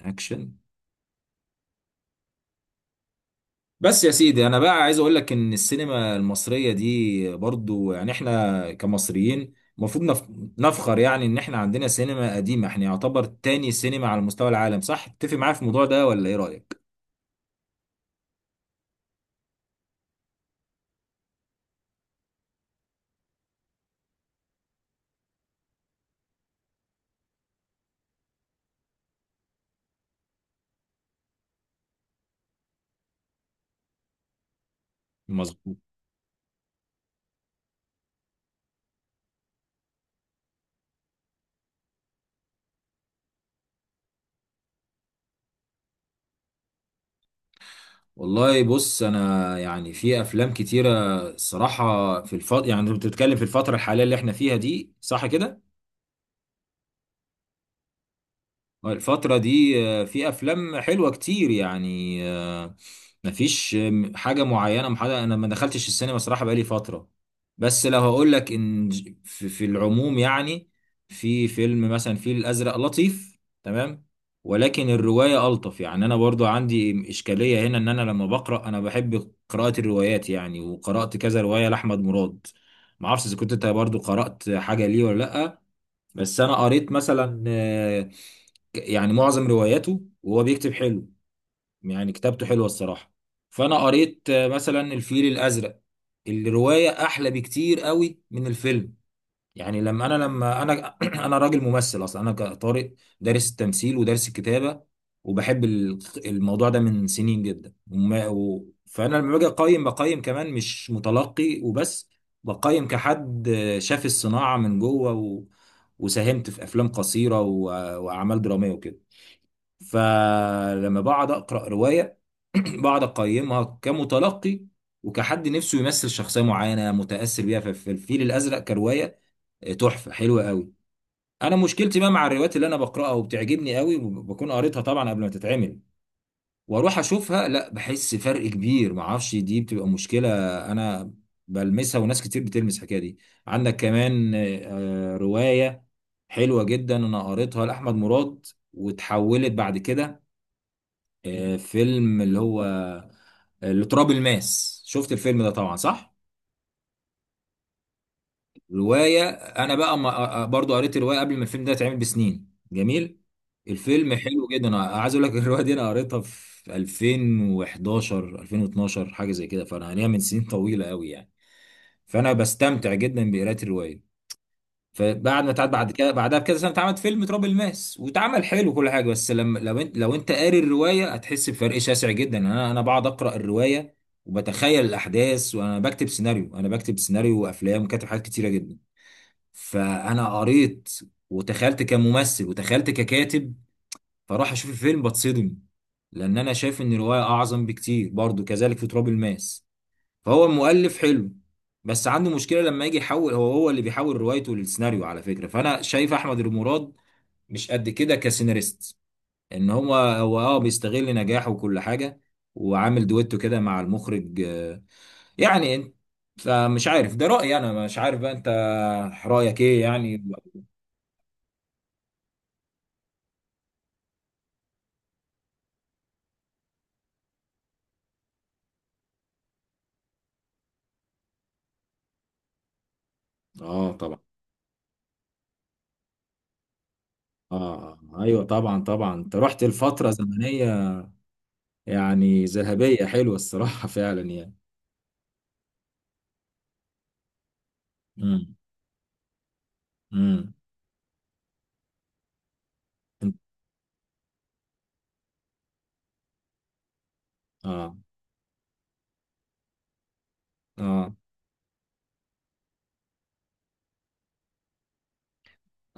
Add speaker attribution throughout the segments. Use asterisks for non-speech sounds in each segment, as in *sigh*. Speaker 1: اكشن. بس يا سيدي انا بقى عايز اقول لك ان السينما المصريه دي برضو يعني احنا كمصريين المفروض نفخر يعني ان احنا عندنا سينما قديمه، احنا يعتبر تاني سينما على مستوى العالم. صح؟ تتفق معايا في الموضوع ده ولا ايه رايك؟ مظبوط. والله بص انا يعني في افلام كتيره. الصراحه في يعني انت بتتكلم في الفتره الحاليه اللي احنا فيها دي، صح كده؟ الفترة دي في أفلام حلوة كتير، يعني مفيش حاجة معينة محددة. أنا ما دخلتش السينما صراحة بقالي فترة. بس لو هقول لك إن في العموم يعني في فيلم مثلا، في الأزرق لطيف تمام، ولكن الرواية ألطف. يعني أنا برضو عندي إشكالية هنا، إن أنا لما بقرأ أنا بحب قراءة الروايات يعني، وقرأت كذا رواية لأحمد مراد. معرفش إذا كنت أنت برضو قرأت حاجة ليه ولا لأ. بس أنا قريت مثلا يعني معظم رواياته، وهو بيكتب حلو يعني، كتابته حلوة الصراحة. فأنا قريت مثلا الفيل الأزرق. الرواية أحلى بكتير قوي من الفيلم. يعني لما أنا *clears throat* أنا راجل ممثل أصلا، أنا كطارق دارس التمثيل ودارس الكتابة، وبحب الموضوع ده من سنين جدا فأنا لما باجي أقيم، بقيم كمان مش متلقي وبس، بقيم كحد شاف الصناعة من جوه، وساهمت في أفلام قصيرة، وأعمال درامية وكده. فلما بقعد اقرا روايه *clears throat* بقعد اقيمها كمتلقي وكحد نفسه يمثل شخصيه معينه متاثر بيها. في الفيل الازرق كروايه، تحفه حلوه قوي. انا مشكلتي بقى مع الروايات اللي انا بقراها وبتعجبني قوي، وبكون قريتها طبعا قبل ما تتعمل واروح اشوفها، لا بحس فرق كبير. ما اعرفش، دي بتبقى مشكله انا بلمسها، وناس كتير بتلمس الحكايه دي. عندك كمان روايه حلوه جدا انا قريتها لاحمد مراد، وتحولت بعد كده فيلم، اللي هو اللي تراب الماس. شفت الفيلم ده طبعا، صح؟ رواية انا بقى ما برضو قريت الرواية قبل ما الفيلم ده يتعمل بسنين. جميل. الفيلم حلو جدا، انا عايز اقول لك *laughs* الرواية دي انا قريتها في 2011 2012، حاجة زي كده، فانا ليها من سنين طويلة قوي يعني. فانا بستمتع جدا بقراءة الرواية. فبعد ما اتعاد بعد كده بعدها بكذا سنه، اتعمل فيلم تراب الماس، واتعمل حلو وكل حاجه، بس لما لو انت لو انت قاري الروايه هتحس بفرق شاسع جدا يعني. انا بقعد اقرا الروايه وبتخيل الاحداث، وانا بكتب سيناريو، انا بكتب سيناريو وافلام وكاتب حاجات كتيره جدا. فانا قريت، وتخيلت كممثل وتخيلت ككاتب، فاروح اشوف الفيلم بتصدم، لان انا شايف ان الروايه اعظم بكتير. برضو كذلك في تراب الماس. فهو مؤلف حلو، بس عنده مشكلة لما يجي يحول. هو هو اللي بيحول روايته للسيناريو على فكرة، فأنا شايف أحمد المراد مش قد كده كسيناريست. إن هو أه بيستغل نجاحه وكل حاجة، وعامل دويتو كده مع المخرج يعني. فمش عارف، ده رأيي، أنا مش عارف بقى أنت رأيك إيه يعني. أه طبعا. أه أيوه طبعا، طبعا. أنت رحت لفترة زمنية يعني ذهبية، حلوة الصراحة *laughs* فعلا يعني. امم. امم. أنت- أه. أه.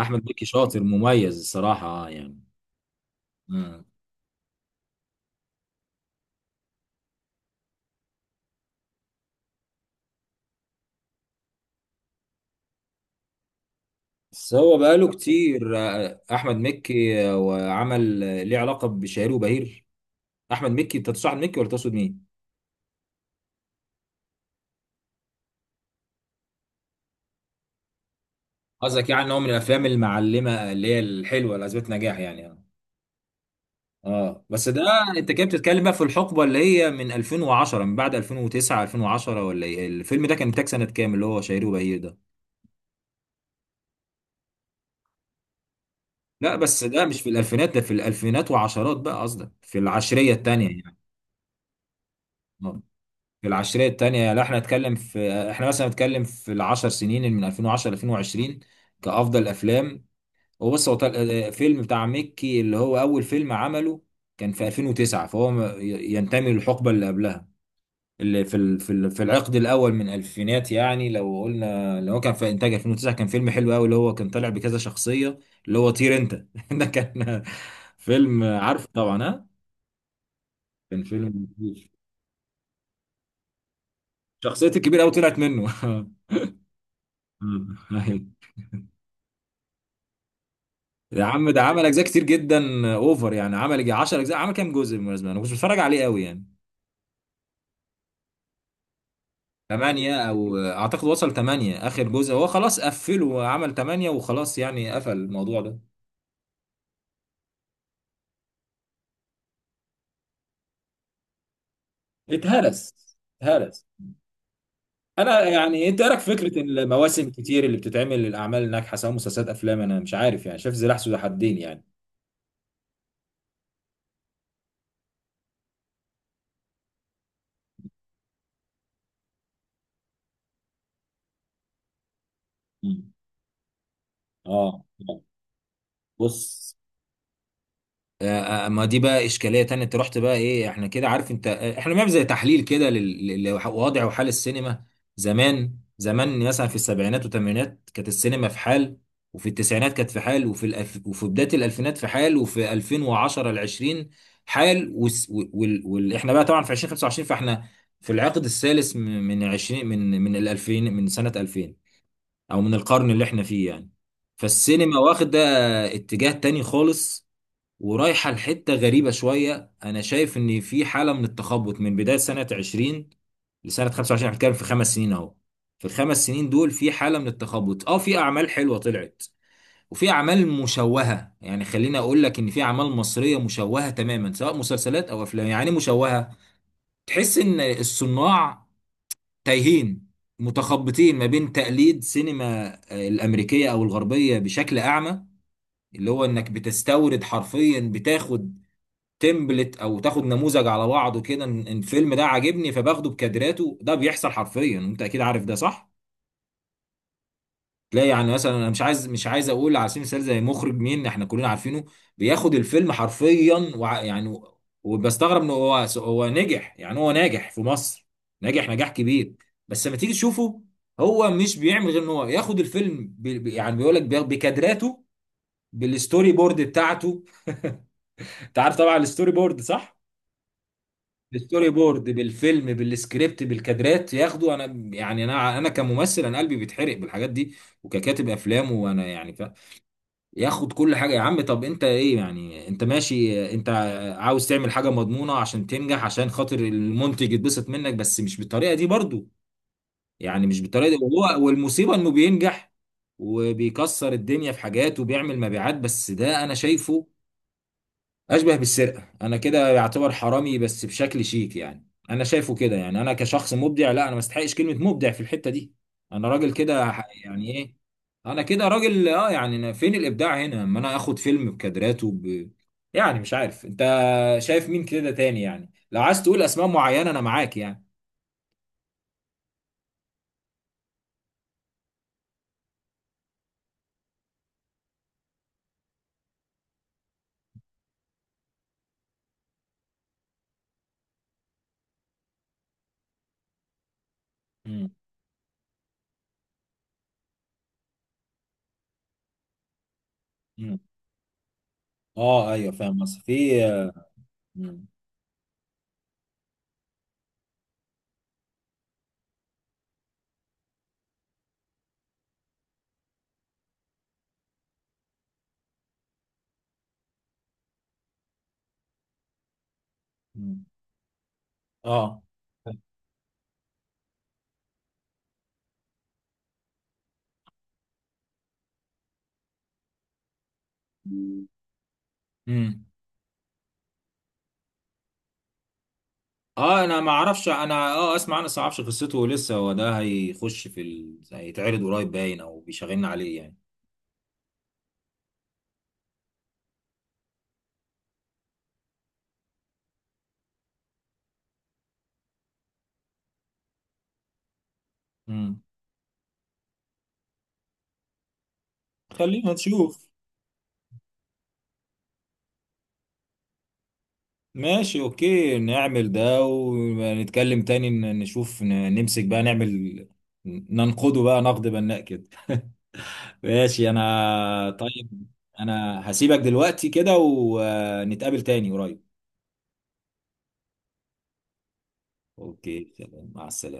Speaker 1: احمد مكي شاطر مميز الصراحه، يعني. مم. بس هو بقاله كتير احمد مكي وعمل، ليه علاقه بشهير وبهير. احمد مكي، انت تقصد احمد مكي ولا تقصد مين؟ قصدك يعني ان هو من الافلام المعلمه اللي هي الحلوه اللي اثبت نجاح، يعني اه. آه. بس ده انت كده بتتكلم بقى في الحقبه اللي هي من 2010، من بعد 2009 2010، ولا ايه؟ الفيلم ده كان انتاج سنه كام اللي هو شهير وبهير ده؟ لا بس ده مش في الالفينات، ده في الالفينات وعشرات بقى. قصدك في العشريه الثانيه يعني. آه. في العشرية التانية. لا احنا نتكلم في، احنا مثلا نتكلم في العشر سنين اللي من 2010 ل 2020 كأفضل أفلام. وبص هو فيلم بتاع مكي اللي هو أول فيلم عمله كان في 2009، فهو ينتمي للحقبة اللي قبلها، اللي في في العقد الأول من الألفينات يعني. لو قلنا اللي هو كان في إنتاج 2009، كان فيلم حلو قوي، اللي هو كان طالع بكذا شخصية، اللي هو طير أنت. *laughs* ده كان فيلم، عارف طبعا، ها؟ كان فيلم، شخصية الكبير قوي طلعت منه. *laughs* *laughs* يا عم، ده عمل اجزاء كتير جدا، اوفر يعني. عمل يجي 10 اجزاء. عمل كام جزء بالمناسبه؟ انا كنت بتفرج عليه قوي يعني. 8، او اعتقد وصل 8. اخر جزء هو خلاص قفله، وعمل 8 وخلاص، يعني قفل الموضوع ده. اتهرس. اتهرس. انا يعني انت إيه رايك في فكره المواسم كتير اللي بتتعمل للاعمال الناجحه سواء مسلسلات افلام؟ انا مش عارف يعني، شايف سلاح ذو حدين يعني. مم. اه. بص ما دي بقى اشكاليه تانية. انت رحت بقى ايه، احنا كده عارف، انت احنا بنعمل زي تحليل كده للوضع وحال السينما. زمان زمان مثلا في السبعينات والثمانينات كانت السينما في حال، وفي التسعينات كانت في حال، وفي بدايه الالفينات في حال، وفي 2010 ل 20 حال، احنا بقى طبعا في 2025، فاحنا في العقد الثالث من 20، من ال 2000، من سنه 2000، او من القرن اللي احنا فيه يعني. فالسينما واخده اتجاه تاني خالص، ورايحة لحتة غريبة شوية. أنا شايف إن في حالة من التخبط من بداية سنة 20 لسنة 25، احنا بنتكلم في خمس سنين أهو. في الخمس سنين دول في حالة من التخبط. أه في أعمال حلوة طلعت، وفي أعمال مشوهة، يعني خليني أقول لك إن في أعمال مصرية مشوهة تماما سواء مسلسلات أو أفلام. يعني إيه مشوهة؟ تحس إن الصناع تايهين متخبطين ما بين تقليد سينما الأمريكية أو الغربية بشكل أعمى. اللي هو انك بتستورد حرفيا، بتاخد تمبلت او تاخد نموذج على بعضه كده، إن الفيلم ده عاجبني فباخده بكادراته. ده بيحصل حرفيا، انت اكيد عارف ده، صح؟ تلاقي يعني مثلا، انا مش عايز اقول على سبيل المثال زي مخرج، مين احنا كلنا عارفينه، بياخد الفيلم حرفيا يعني. وبستغرب انه هو نجح يعني، هو ناجح في مصر، ناجح نجاح كبير. بس لما تيجي تشوفه، هو مش بيعمل غير ان هو ياخد الفيلم يعني بيقول لك بكادراته، بالستوري بورد بتاعته. *laughs* انت عارف طبعا الستوري بورد، صح؟ بالستوري بورد بالفيلم بالسكريبت بالكادرات ياخدوا. انا يعني انا كممثل انا قلبي بيتحرق بالحاجات دي، وككاتب افلام، وانا يعني ياخد كل حاجه. يا عم طب انت ايه يعني؟ انت ماشي، انت عاوز تعمل حاجه مضمونه عشان تنجح عشان خاطر المنتج يتبسط منك، بس مش بالطريقه دي برضو يعني، مش بالطريقه دي. وهو والمصيبه انه بينجح وبيكسر الدنيا في حاجات وبيعمل مبيعات. بس ده انا شايفه اشبه بالسرقه. انا كده يعتبر حرامي بس بشكل شيك، يعني انا شايفه كده. يعني انا كشخص مبدع، لا انا ما استحقش كلمه مبدع في الحته دي، انا راجل كده يعني ايه. انا كده راجل اه يعني، أنا فين الابداع هنا اما انا اخد فيلم بكادراته يعني مش عارف انت شايف مين كده تاني يعني، لو عايز تقول اسماء معينه انا معاك يعني. مم. مم. اه ايوه فاهم بس في. مم. مم. اه. مم. اه انا ما اعرفش، انا اه اسمع، انا بس ما اعرفش قصته لسه، هو ده هيخش في هيتعرض قريب باين، او بيشغلنا عليه يعني. امم. خلينا نشوف. ماشي اوكي نعمل ده ونتكلم تاني، نشوف نمسك بقى نعمل، ننقده بقى نقد بناء كده. ماشي انا طيب. انا هسيبك دلوقتي كده ونتقابل تاني قريب. اوكي سلام، مع السلامة.